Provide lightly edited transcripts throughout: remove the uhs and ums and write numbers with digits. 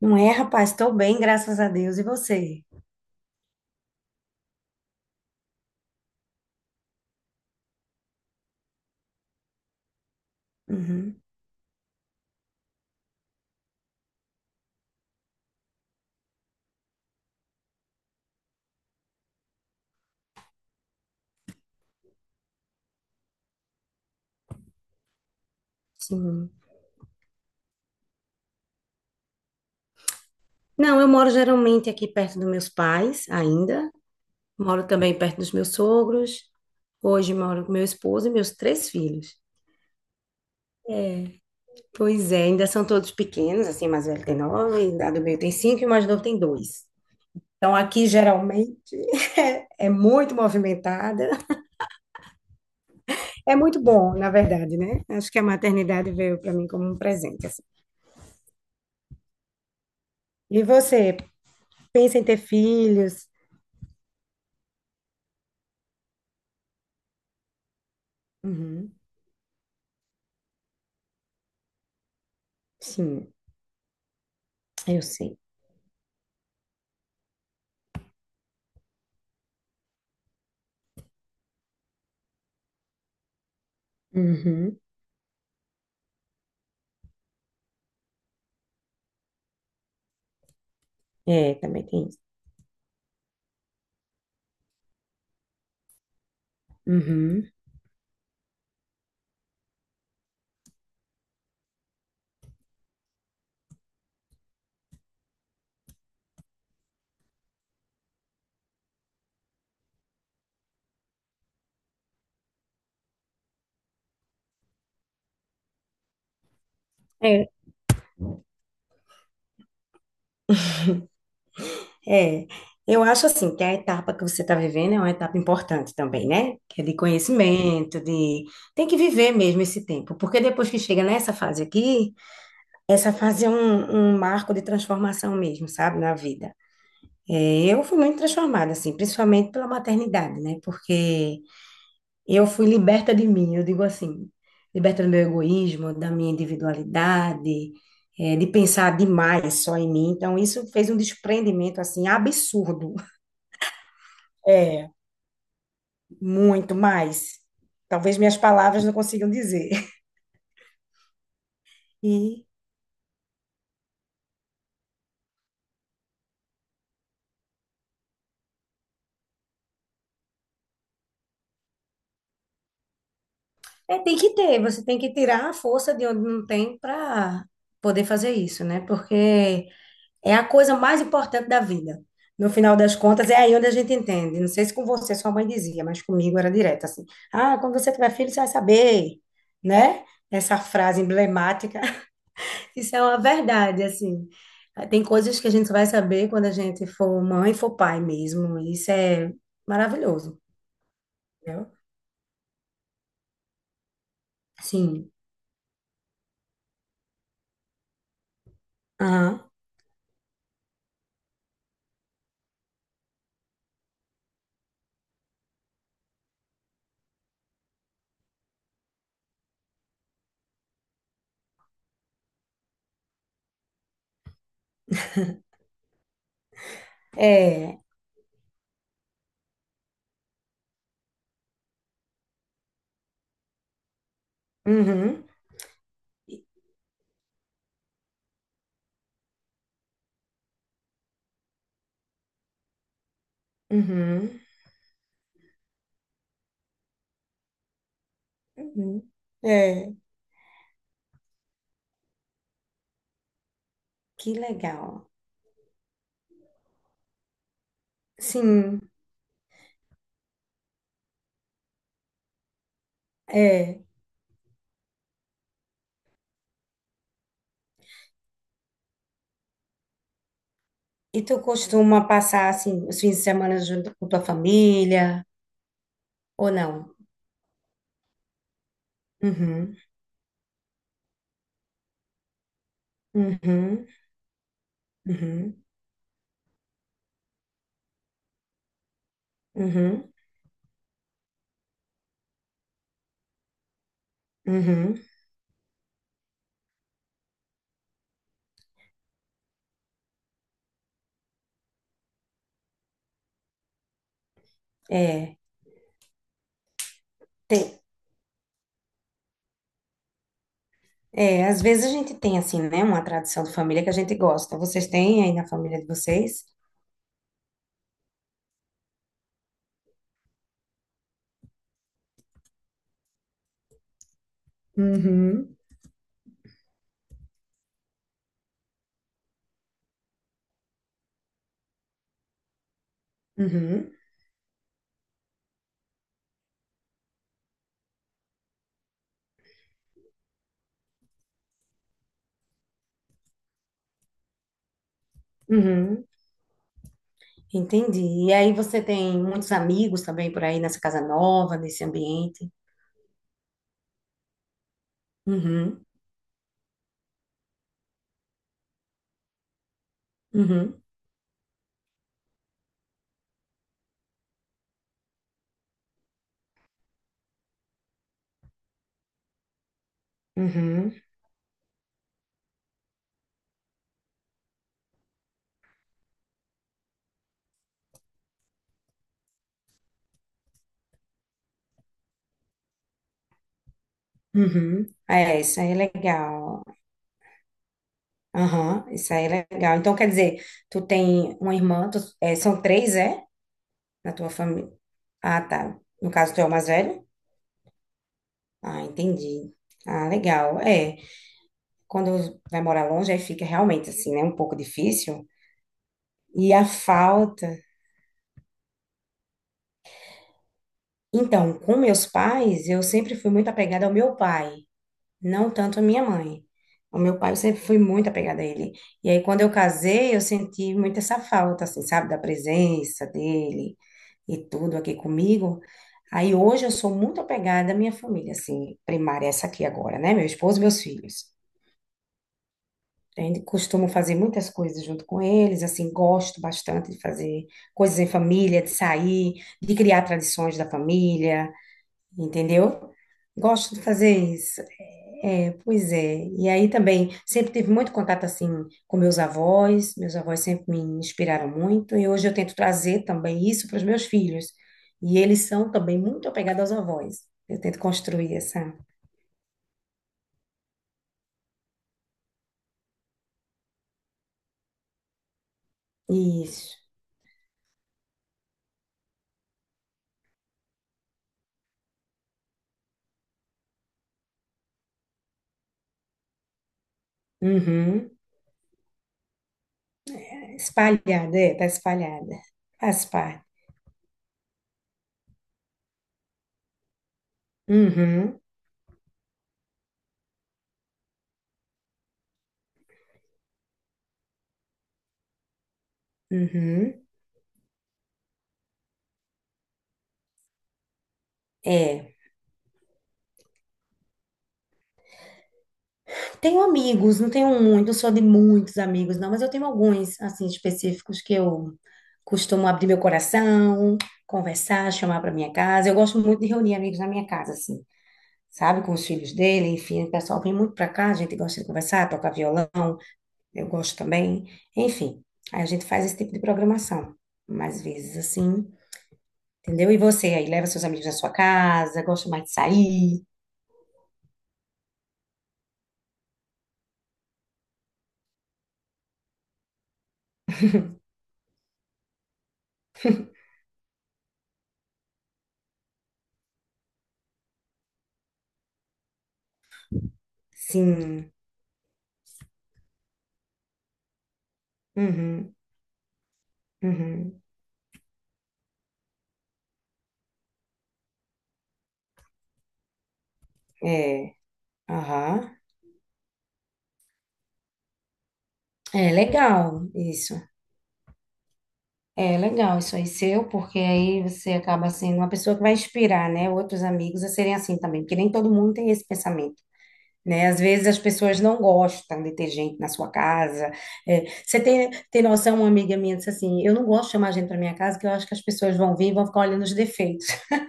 Não é, rapaz? Estou bem, graças a Deus. E você? Uhum, sim. Não, eu moro geralmente aqui perto dos meus pais, ainda. Moro também perto dos meus sogros. Hoje moro com meu esposo e meus três filhos. Pois é, ainda são todos pequenos, assim, mais velho tem nove, a do meio tem cinco e o mais novo tem dois. Então aqui geralmente é muito movimentada. É muito bom, na verdade, né? Acho que a maternidade veio para mim como um presente, assim. E você, pensa em ter filhos? Uhum, sim. Eu sei. Uhum. É, também tem isso. Uhum. É, É, eu acho assim que a etapa que você está vivendo é uma etapa importante também, né? Que é de conhecimento, de tem que viver mesmo esse tempo, porque depois que chega nessa fase aqui, essa fase é um marco de transformação mesmo, sabe, na vida. É, eu fui muito transformada, assim, principalmente pela maternidade, né? Porque eu fui liberta de mim, eu digo assim, liberta do meu egoísmo, da minha individualidade, de pensar demais só em mim. Então, isso fez um desprendimento, assim, absurdo. É, muito mais. Talvez minhas palavras não consigam dizer. E é, tem que ter, você tem que tirar a força de onde não tem para poder fazer isso, né? Porque é a coisa mais importante da vida. No final das contas, é aí onde a gente entende. Não sei se com você sua mãe dizia, mas comigo era direto assim. Ah, quando você tiver filho, você vai saber, né? Essa frase emblemática. Isso é uma verdade, assim. Tem coisas que a gente só vai saber quando a gente for mãe, for pai mesmo. Isso é maravilhoso, entendeu? Sim. Aham. É. Uhum. Uhum. Uhum. É. Que legal. Sim. É. E tu costuma passar assim os fins de semana junto com tua família ou não? Uhum, uhum, uhum, uhum, uhum. É, tem, é, às vezes a gente tem assim, né, uma tradição de família que a gente gosta. Vocês têm aí na família de vocês? Uhum, uhum, uhum. Entendi. E aí você tem muitos amigos também por aí nessa casa nova, nesse ambiente? Uhum, uhum, uhum, uhum. É, isso aí é legal. Aham, isso aí é legal. Então, quer dizer, tu tem uma irmã, é, são três, é? Na tua família. Ah, tá. No caso, tu é o mais velho? Ah, entendi. Ah, legal. É, quando vai morar longe, aí fica realmente assim, né? Um pouco difícil. E a falta. Então, com meus pais, eu sempre fui muito apegada ao meu pai. Não tanto a minha mãe. O meu pai eu sempre fui muito apegada a ele. E aí, quando eu casei, eu senti muito essa falta, assim, sabe, da presença dele e tudo aqui comigo. Aí, hoje, eu sou muito apegada à minha família, assim, primária, essa aqui agora, né? Meu esposo e meus filhos. A gente costuma fazer muitas coisas junto com eles, assim, gosto bastante de fazer coisas em família, de sair, de criar tradições da família, entendeu? Gosto de fazer isso. É, é, pois é. E aí também sempre tive muito contato assim com meus avós. Meus avós sempre me inspiraram muito e hoje eu tento trazer também isso para os meus filhos. E eles são também muito apegados aos avós. Eu tento construir essa. Isso. Uhum. Tá espalhada, é, tá espalhada. Faz parte. Uhum. Uhum. É. Tenho amigos, não tenho muito, não sou de muitos amigos, não, mas eu tenho alguns, assim, específicos que eu costumo abrir meu coração, conversar, chamar para minha casa. Eu gosto muito de reunir amigos na minha casa, assim, sabe? Com os filhos dele, enfim, o pessoal vem muito para cá, a gente gosta de conversar, tocar violão, eu gosto também, enfim. Aí a gente faz esse tipo de programação, mais vezes, assim, entendeu? E você aí, leva seus amigos na sua casa, gosta mais de sair? Sim. Uhum, uhum. É, aham. É legal isso. É legal isso aí seu, porque aí você acaba sendo uma pessoa que vai inspirar, né, outros amigos a serem assim também, porque nem todo mundo tem esse pensamento, né? Às vezes as pessoas não gostam de ter gente na sua casa. É, você tem noção, uma amiga minha disse assim, eu não gosto de chamar gente para minha casa, que eu acho que as pessoas vão vir e vão ficar olhando os defeitos.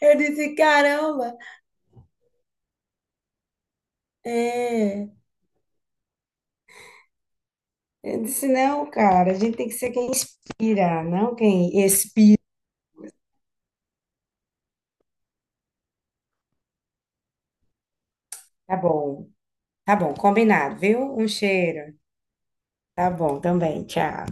Eu disse, caramba, é. Eu disse, não, cara, a gente tem que ser quem inspira, não quem expira. Tá bom, tá bom, combinado, viu? Um cheiro. Tá bom, também. Tchau.